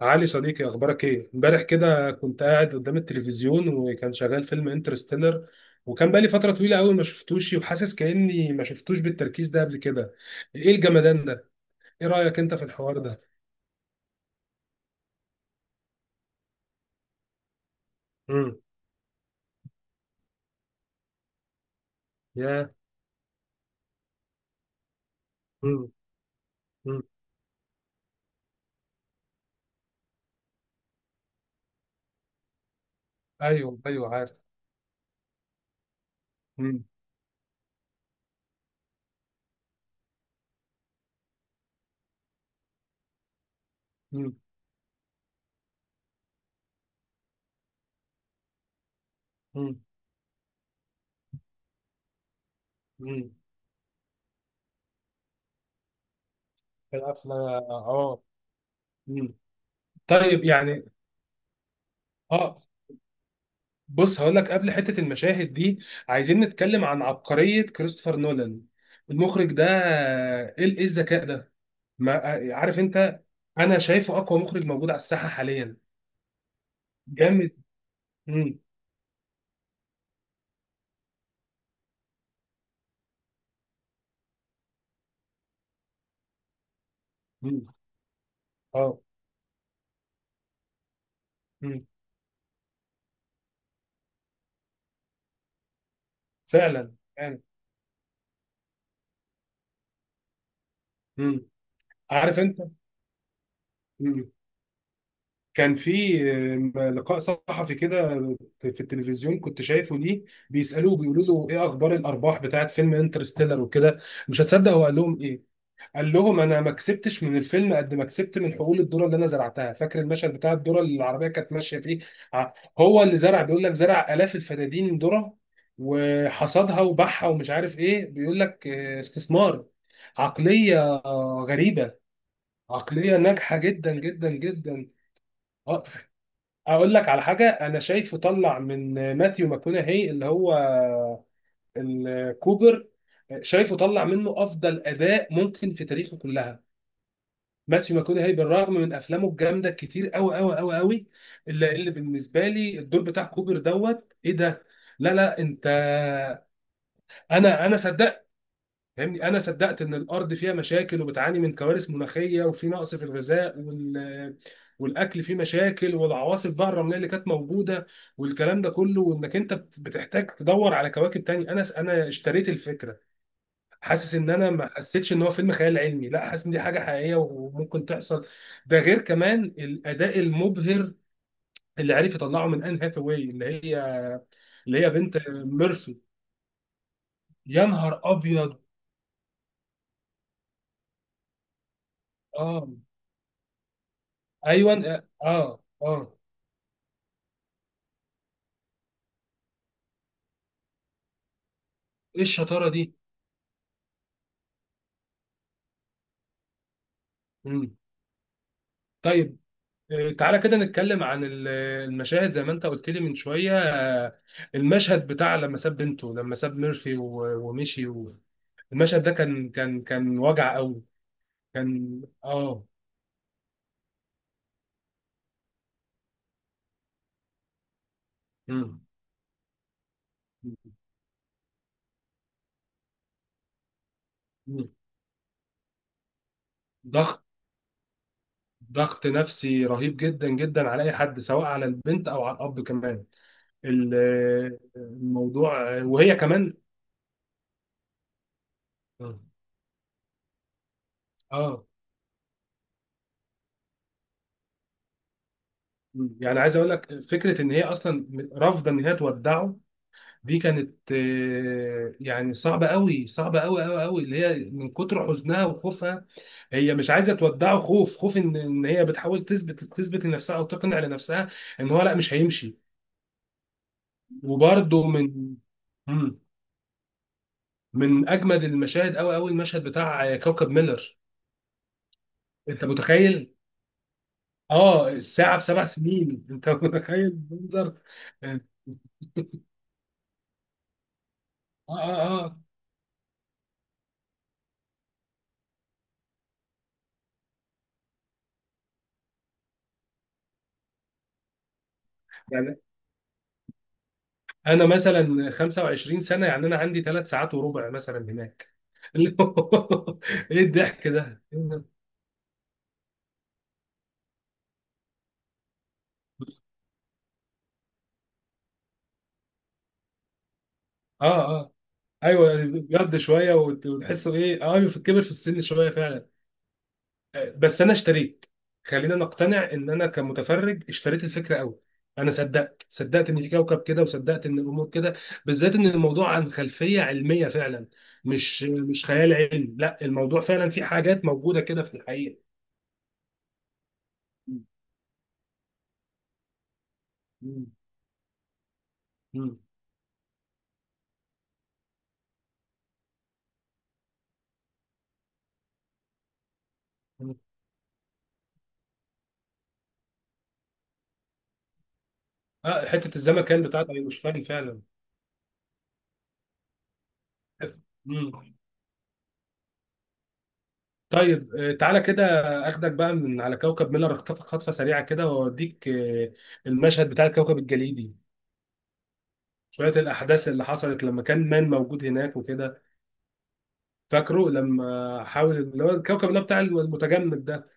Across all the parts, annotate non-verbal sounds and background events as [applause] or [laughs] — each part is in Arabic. علي صديقي، اخبارك ايه؟ امبارح كده كنت قاعد قدام التلفزيون وكان شغال فيلم انترستيلر. وكان بقالي فتره طويله قوي ما شفتوش، وحاسس كاني ما شفتوش بالتركيز ده قبل كده. ايه الجمدان ده؟ ايه رايك انت في الحوار ده؟ امم. يا. امم. امم. ايوه، ايوه، عارف. امم. امم. امم. امم. القفله، اه. امم. طيب، يعني. اه. بص هقول لك قبل حتة المشاهد دي، عايزين نتكلم عن عبقرية كريستوفر نولان، المخرج ده. ايه الذكاء ده؟ ما. عارف انت. انا شايفه اقوى مخرج موجود على الساحة حاليا. جامد. امم. امم. اه. امم. فعلا، فعلا. امم. عارف انت. امم. كان في لقاء صحفي كده في التلفزيون كنت شايفه ليه. بيسألوه بيقولوا له ايه اخبار الارباح بتاعت فيلم انترستيلر وكده. مش هتصدق هو قال لهم ايه. قال لهم انا ما كسبتش من الفيلم قد ما كسبت من حقول الذره اللي انا زرعتها. فاكر المشهد بتاع الذره اللي العربيه كانت ماشيه فيه؟ ع- هو اللي زرع. بيقول لك زرع الاف الفدادين ذره وحصدها وباعها ومش عارف ايه. بيقول لك استثمار. عقليه. غريبه. عقليه ناجحه جدا جدا جدا. آه، اقول لك على حاجه. انا شايفه طلع من ماثيو ماكونهي، اللي هو الكوبر. شايفه طلع منه افضل اداء ممكن في تاريخه كلها. ماثيو ماكونهي بالرغم من افلامه الجامده كتير قوي قوي قوي قوي. اللي بالنسبه لي الدور بتاع كوبر دوت ايه ده. لا، لا، انت. انا صدقت. فاهمني، انا صدقت ان الارض فيها مشاكل وبتعاني من كوارث مناخيه، وفي نقص في الغذاء وال والاكل فيه مشاكل، والعواصف بقى الرمليه اللي كانت موجوده والكلام ده كله. وانك انت بتحتاج تدور على كواكب تاني. انا اشتريت الفكره. حاسس ان انا ما حسيتش ان هو فيلم خيال علمي، لا حاسس ان دي حاجه حقيقيه وممكن تحصل. ده غير كمان الاداء المبهر اللي عرف يطلعه من ان هاثاواي، اللي هي بنت ميرفي. يا نهار ابيض. اه. ايوه. اه، اه. ايه الشطاره دي؟ مم. طيب، تعالى كده نتكلم عن المشاهد زي ما انت قلت لي من شويه. آه، المشهد بتاع لما ساب بنته، لما ساب ميرفي ومشي المشهد ده كان وجع قوي. كان. اه. مم. مم. ضغط. ضغط نفسي رهيب جدا جدا على اي حد، سواء على البنت او على الاب كمان. الموضوع وهي كمان، اه. مم. يعني عايز اقول لك فكره ان هي اصلا رافضه ان هي تودعه. دي كانت يعني صعبه قوي، صعبه قوي قوي قوي. اللي هي من كتر حزنها وخوفها هي مش عايزه تودعه. خوف، خوف ان هي بتحاول تثبت تثبت لنفسها او تقنع لنفسها ان هو لا مش هيمشي. وبرده من. مم. من اجمد المشاهد قوي قوي، المشهد بتاع كوكب ميلر. انت متخيل؟ اه. الساعه بسبع سنين. [laughs] انت متخيل منظر؟ اه، اه، اه. يعني انا مثلا 25 سنه، يعني انا عندي 3 ساعات وربع مثلا هناك. [laughs] اللي هو. ايه الضحك ده؟ اه، اه. ايوه بيقضي شويه وتحسه ايه، في الكبر في السن شويه فعلا. بس انا اشتريت. خلينا نقتنع ان انا كمتفرج اشتريت الفكره قوي. انا صدقت ان في كوكب كده، وصدقت ان الامور كده، بالذات ان الموضوع عن خلفيه علميه فعلا. مش خيال علمي، لا الموضوع فعلا في حاجات موجوده كده في الحقيقه. مم. مم. مم. مم. اه، حته الزمكان بتاعت اينشتاين فعلا. مم. طيب، تعالى كده اخدك بقى من على كوكب ميلر، اخطفك خطفه سريعه كده واوديك المشهد بتاع الكوكب الجليدي. شوية الأحداث اللي حصلت لما كان مان موجود هناك وكده. فاكره لما حاول، اللي هو الكوكب اللي هو بتاع المتجمد ده.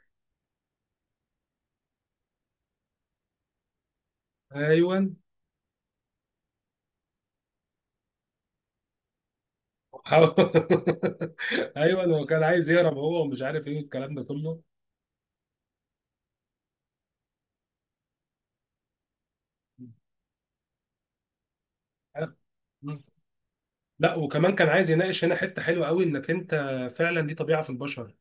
أيوه. حاول. [laughs] أيوه هو كان عايز يهرب هو، ومش عارف إيه الكلام ده كله. مم. لا وكمان كان عايز يناقش هنا حتة حلوة قوي، إنك أنت فعلا دي طبيعة في البشر،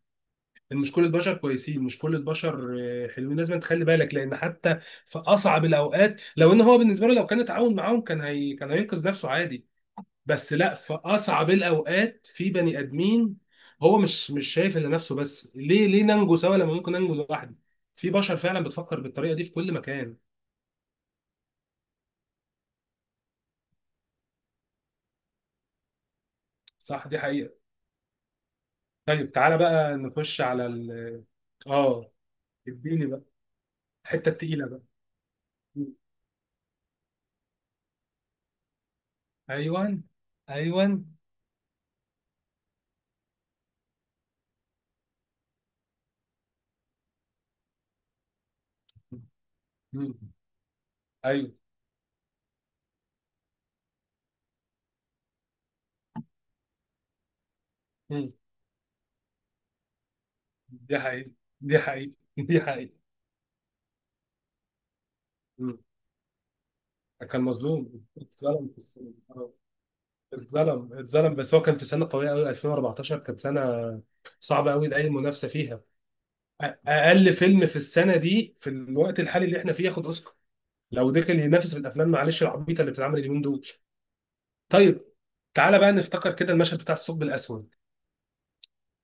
إن مش كل البشر كويسين، مش كل البشر حلوين. لازم تخلي بالك، لأن حتى في أصعب الأوقات لو إن هو بالنسبة له لو كان اتعاون معاهم كان، هي كان هينقذ نفسه عادي. بس لا، في اصعب الاوقات في بني ادمين هو مش شايف الا نفسه بس. ليه ننجو سوا لما ممكن ننجو لوحدي. في بشر فعلا بتفكر بالطريقه دي في كل مكان. صح، دي حقيقه. طيب تعالى بقى نخش على ال اه اديني بقى الحته التقيله بقى. مم. ايوه، ايوه. مم. ايوه. مم. دي حقيقه، دي حقيقه، [laughs] دي حقيقه. مم. كان مظلوم، اتظلم في السنة. اتظلم اتظلم، بس هو كان في سنه قويه قوي. 2014 كانت سنه صعبه قوي لاي منافسه فيها. اقل فيلم في السنه دي في الوقت الحالي اللي احنا فيه ياخد اوسكار لو دخل ينافس في الافلام، معلش، العبيطه اللي بتتعمل اليومين دول. طيب، تعالى بقى نفتكر كده المشهد بتاع الثقب الاسود.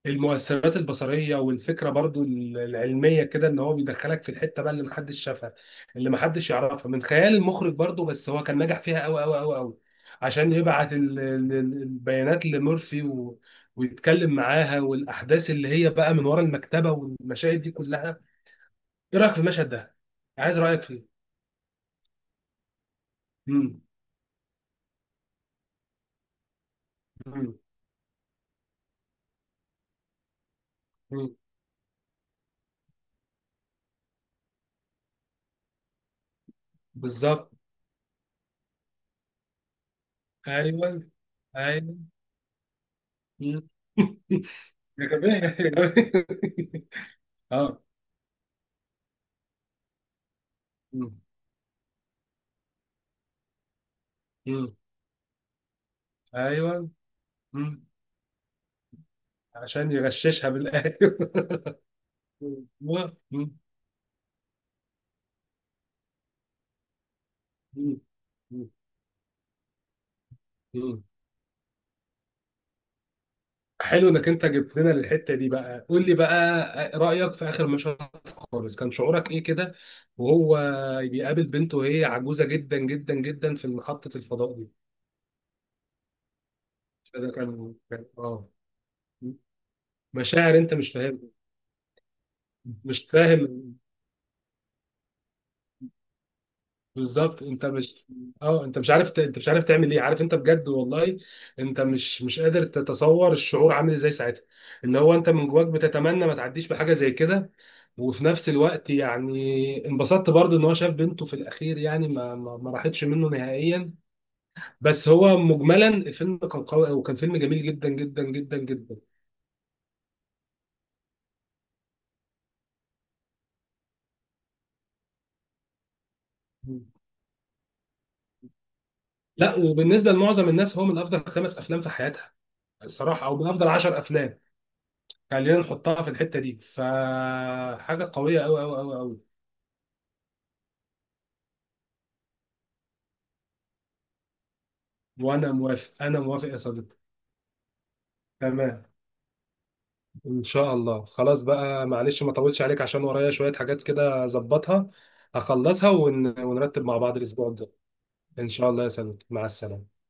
المؤثرات البصريه والفكره برضو العلميه كده، ان هو بيدخلك في الحته بقى اللي محدش شافها، اللي محدش يعرفها من خيال المخرج برضو. بس هو كان نجح فيها قوي قوي قوي قوي عشان يبعت البيانات لمورفي ويتكلم معاها، والاحداث اللي هي بقى من ورا المكتبه والمشاهد دي كلها. ايه رايك في المشهد ده؟ عايز رايك فيه. مم. مم. مم. بالظبط. ايوه، ايوه. مم. [laughs] يا جماعة، يا جماعة. اه. مم. ايوه. مم. عشان يغششها بالايوه. [laughs] أيوة. مم. مم. مم. مم. حلو انك انت جبت لنا الحته دي بقى. قول لي بقى رايك في اخر مشهد خالص. كان شعورك ايه كده وهو بيقابل بنته وهي عجوزه جدا جدا جدا في محطه الفضاء دي؟ ده كان مشاعر انت مش فاهم. مش فاهم. بالظبط. انت مش. اه، انت مش عارف انت مش عارف تعمل ايه. عارف انت بجد والله. انت مش قادر تتصور الشعور عامل ازاي ساعتها. اللي هو انت من جواك بتتمنى ما تعديش بحاجه زي كده. وفي نفس الوقت يعني انبسطت برضو ان هو شاف بنته في الاخير، يعني ما راحتش منه نهائيا. بس هو مجملا الفيلم كان قوي، وكان فيلم جميل جدا جدا جدا جدا. لا، وبالنسبه لمعظم الناس هو من افضل 5 افلام في حياتها الصراحه، او من افضل 10 افلام. خلينا نحطها في الحتة دي، فحاجة قوية أوي أوي أوي أوي. وأنا موافق، أنا موافق يا صديقي. تمام. إن شاء الله، خلاص بقى، معلش ما طولتش عليك عشان ورايا شوية حاجات كده أظبطها، أخلصها، ونرتب مع بعض الأسبوع الجاي. إن شاء الله يا صديقي، مع السلامة.